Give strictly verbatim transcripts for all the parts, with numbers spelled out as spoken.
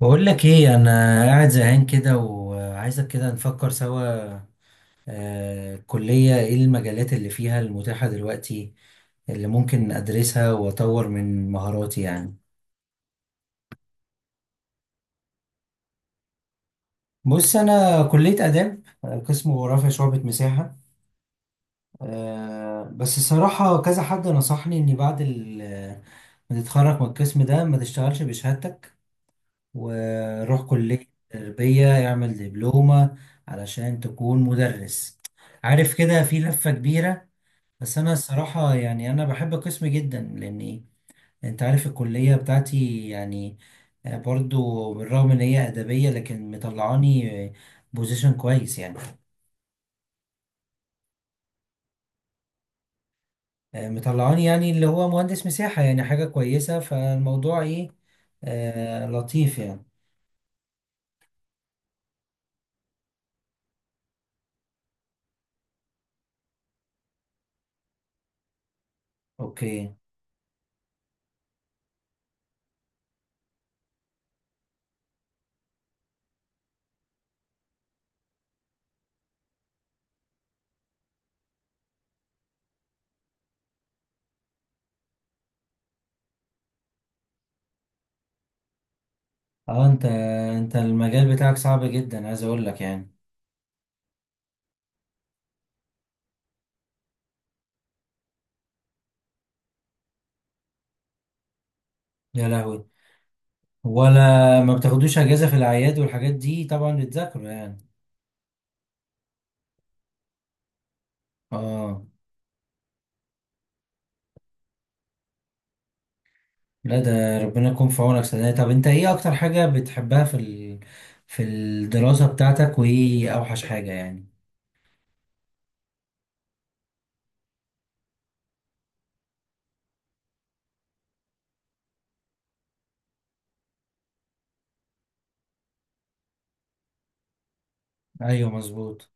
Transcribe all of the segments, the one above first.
بقول لك ايه؟ انا قاعد زهقان كده وعايزك كده نفكر سوا. آه، الكلية ايه المجالات اللي فيها المتاحة دلوقتي اللي ممكن ادرسها واطور من مهاراتي يعني؟ بص، انا كلية آداب آه، قسم جغرافيا شعبة مساحة. آه، بس الصراحة كذا حد نصحني اني بعد ال- ما تتخرج من القسم ده ما تشتغلش بشهادتك وروح كلية تربية اعمل دبلومة علشان تكون مدرس. عارف كده في لفة كبيرة. بس أنا الصراحة يعني أنا بحب قسمي جدا لأني أنت عارف الكلية بتاعتي يعني. آه، برضو بالرغم إن هي أدبية لكن مطلعاني بوزيشن كويس يعني. آه، مطلعاني يعني اللي هو مهندس مساحة يعني حاجة كويسة، فالموضوع إيه؟ آه لطيف يعني. أوكي. أه أنت أنت المجال بتاعك صعب جدا، عايز أقول لك يعني. يا لهوي! ولا ما بتاخدوش اجازه في الاعياد والحاجات دي؟ طبعا بتذاكروا يعني. اه. لا ده ربنا يكون في عونك. سنة طب، انت ايه اكتر حاجه بتحبها في ال... في الدراسه بتاعتك وايه اوحش حاجه يعني؟ ايوه مظبوط.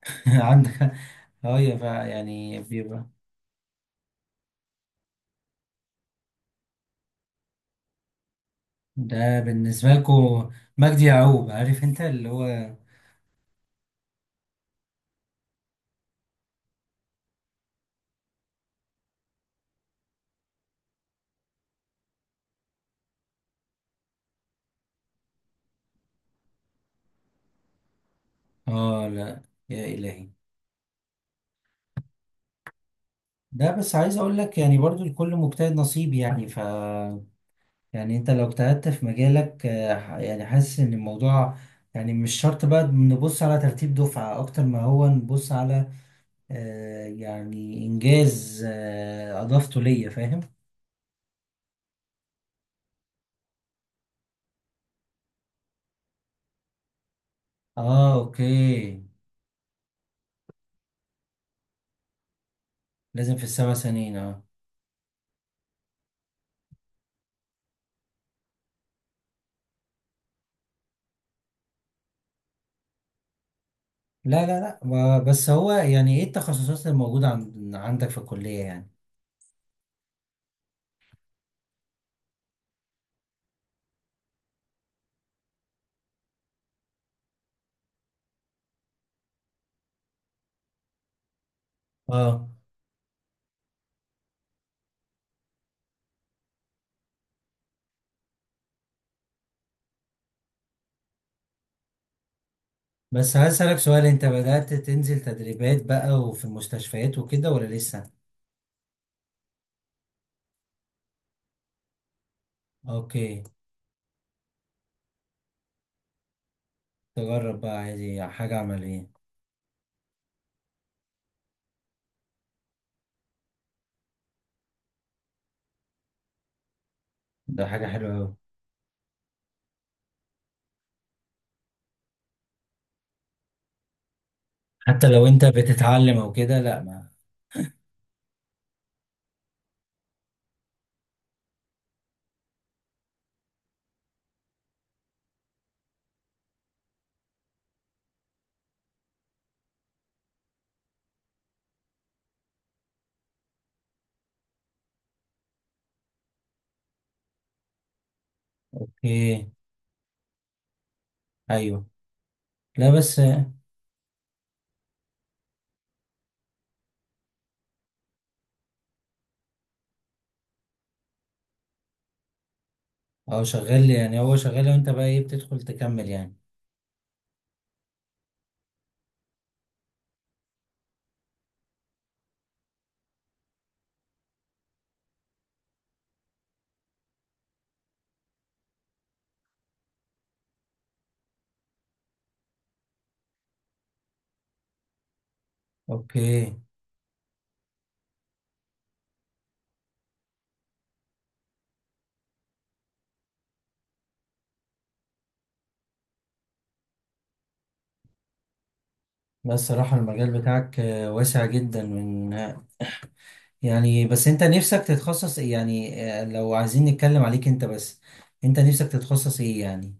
عندك. ايوه فا يعني بيبقى. ده بالنسبه لكم. مجدي يعقوب، عارف انت اللي هو. اه لا. يا الهي! ده بس عايز اقول لك يعني برضو الكل مجتهد نصيب، يعني ف يعني انت لو اجتهدت في مجالك آه، ح- يعني حاسس ان الموضوع، يعني مش شرط بقى نبص على ترتيب دفعة اكتر ما هو نبص على آه، يعني انجاز آه، اضافته ليا، فاهم. اه اوكي. لازم في السبع سنين، اه. لا لا لا ما- بس هو يعني ايه التخصصات الموجودة عند عندك في الكلية يعني؟ اه. بس هسألك سؤال، انت بدأت تنزل تدريبات بقى وفي المستشفيات وكده ولا لسه؟ اوكي. تجرب بقى عادي حاجة عملية. ده حاجة حلوة أوي. حتى لو أنت بتتعلم أو كده لأ ما. إيه. أيوه. لا بس هو شغال، يعني هو شغال وأنت بقى إيه، بتدخل تكمل يعني؟ أوكي. بس الصراحة المجال بتاعك آه، واسع جدا من، يعني بس أنت نفسك تتخصص إيه يعني؟ آه، لو عايزين نتكلم عليك أنت بس، أنت نفسك تتخصص إيه يعني؟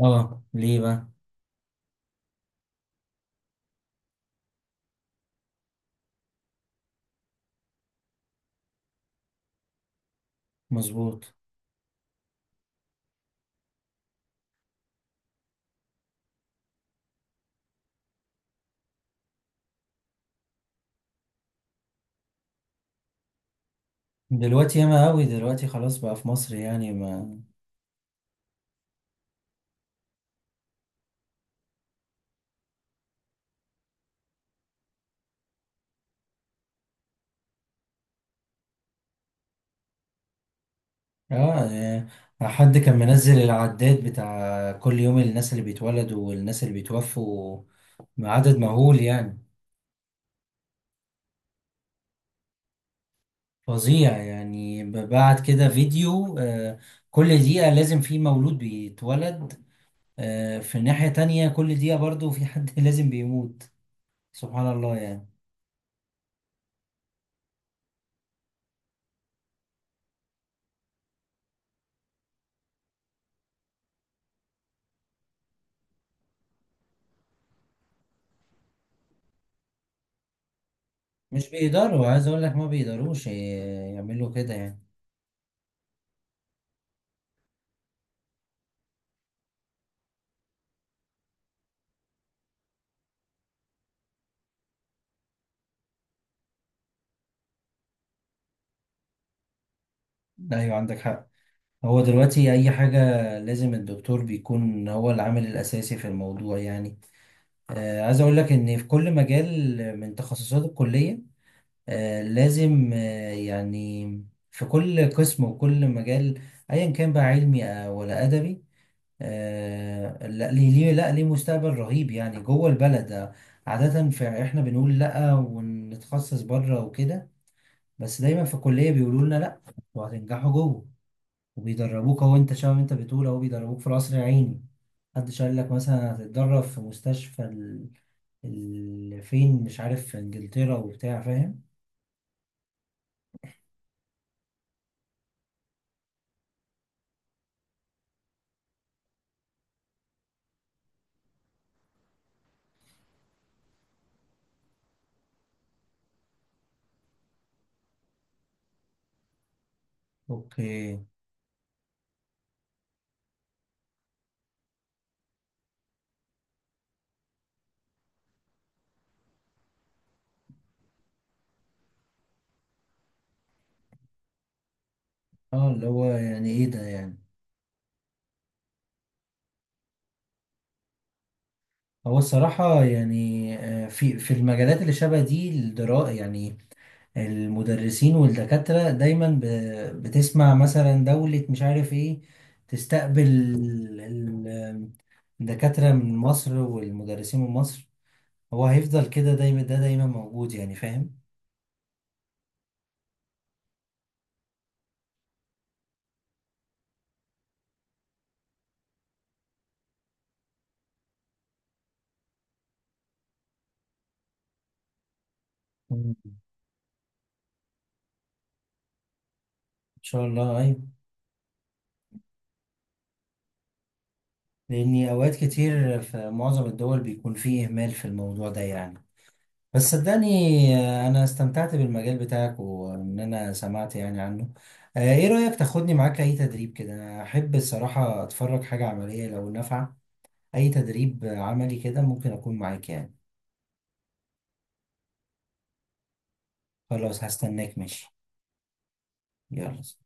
آه ليه بقى؟ مظبوط. دلوقتي ياما أوي دلوقتي، خلاص بقى في مصر يعني ما. اه يعني. حد كان منزل العداد بتاع كل يوم الناس اللي بيتولدوا والناس اللي بيتوفوا بعدد مهول يعني. فظيع. يعني بعد كده فيديو، آه، كل دقيقة لازم في مولود بيتولد. آه، في ناحية تانية كل دقيقة برضو في حد لازم بيموت. سبحان الله يعني. مش بيقدروا عايز اقول لك، ما بيقدروش ي- يعملوا كده يعني. لا ايوه، عندك حق. هو دلوقتي اي حاجة لازم الدكتور بيكون هو العامل الاساسي في الموضوع يعني. آه، عايز اقول لك ان في كل مجال من تخصصات الكلية، آه، لازم آه، يعني في كل قسم وكل مجال ايا كان بقى علمي آه، ولا ادبي، آه، لا ليه ليه- لا ليه مستقبل رهيب يعني جوه البلد. آه، عادة في احنا بنقول لا ونتخصص بره وكده، بس دايما في الكلية بيقولوا لنا لا، وهتنجحوا جوه، وبيدربوك اهو. انت شباب، انت بتقول اهو بيدربوك في القصر العيني. محدش قال لك مثلا هتتدرب في مستشفى ال- فين، مش عارف في انجلترا وبتاع، فاهم. اوكي. اه اللي هو يعني ايه ده يعني؟ هو الصراحة يعني آه، في في المجالات اللي شبه دي الدرا يعني، المدرسين والدكاترة دايما ب- بتسمع مثلا دولة مش عارف ايه تستقبل ال- الدكاترة من مصر والمدرسين من مصر. هو هيفضل كده دايما، ده دايما موجود يعني، فاهم. مم. ان شاء الله، ايوه. لأني أوقات كتير في معظم الدول بيكون فيه إهمال في الموضوع ده يعني. بس صدقني، آه، أنا استمتعت بالمجال بتاعك وإن أنا سمعت يعني عنه. آه، إيه رأيك تاخدني معاك أي تدريب كده؟ أنا أحب الصراحة أتفرج حاجة عملية لو نافعة. أي تدريب عملي كده ممكن أكون معاك يعني. خلاص هستناك ماشي. يلا.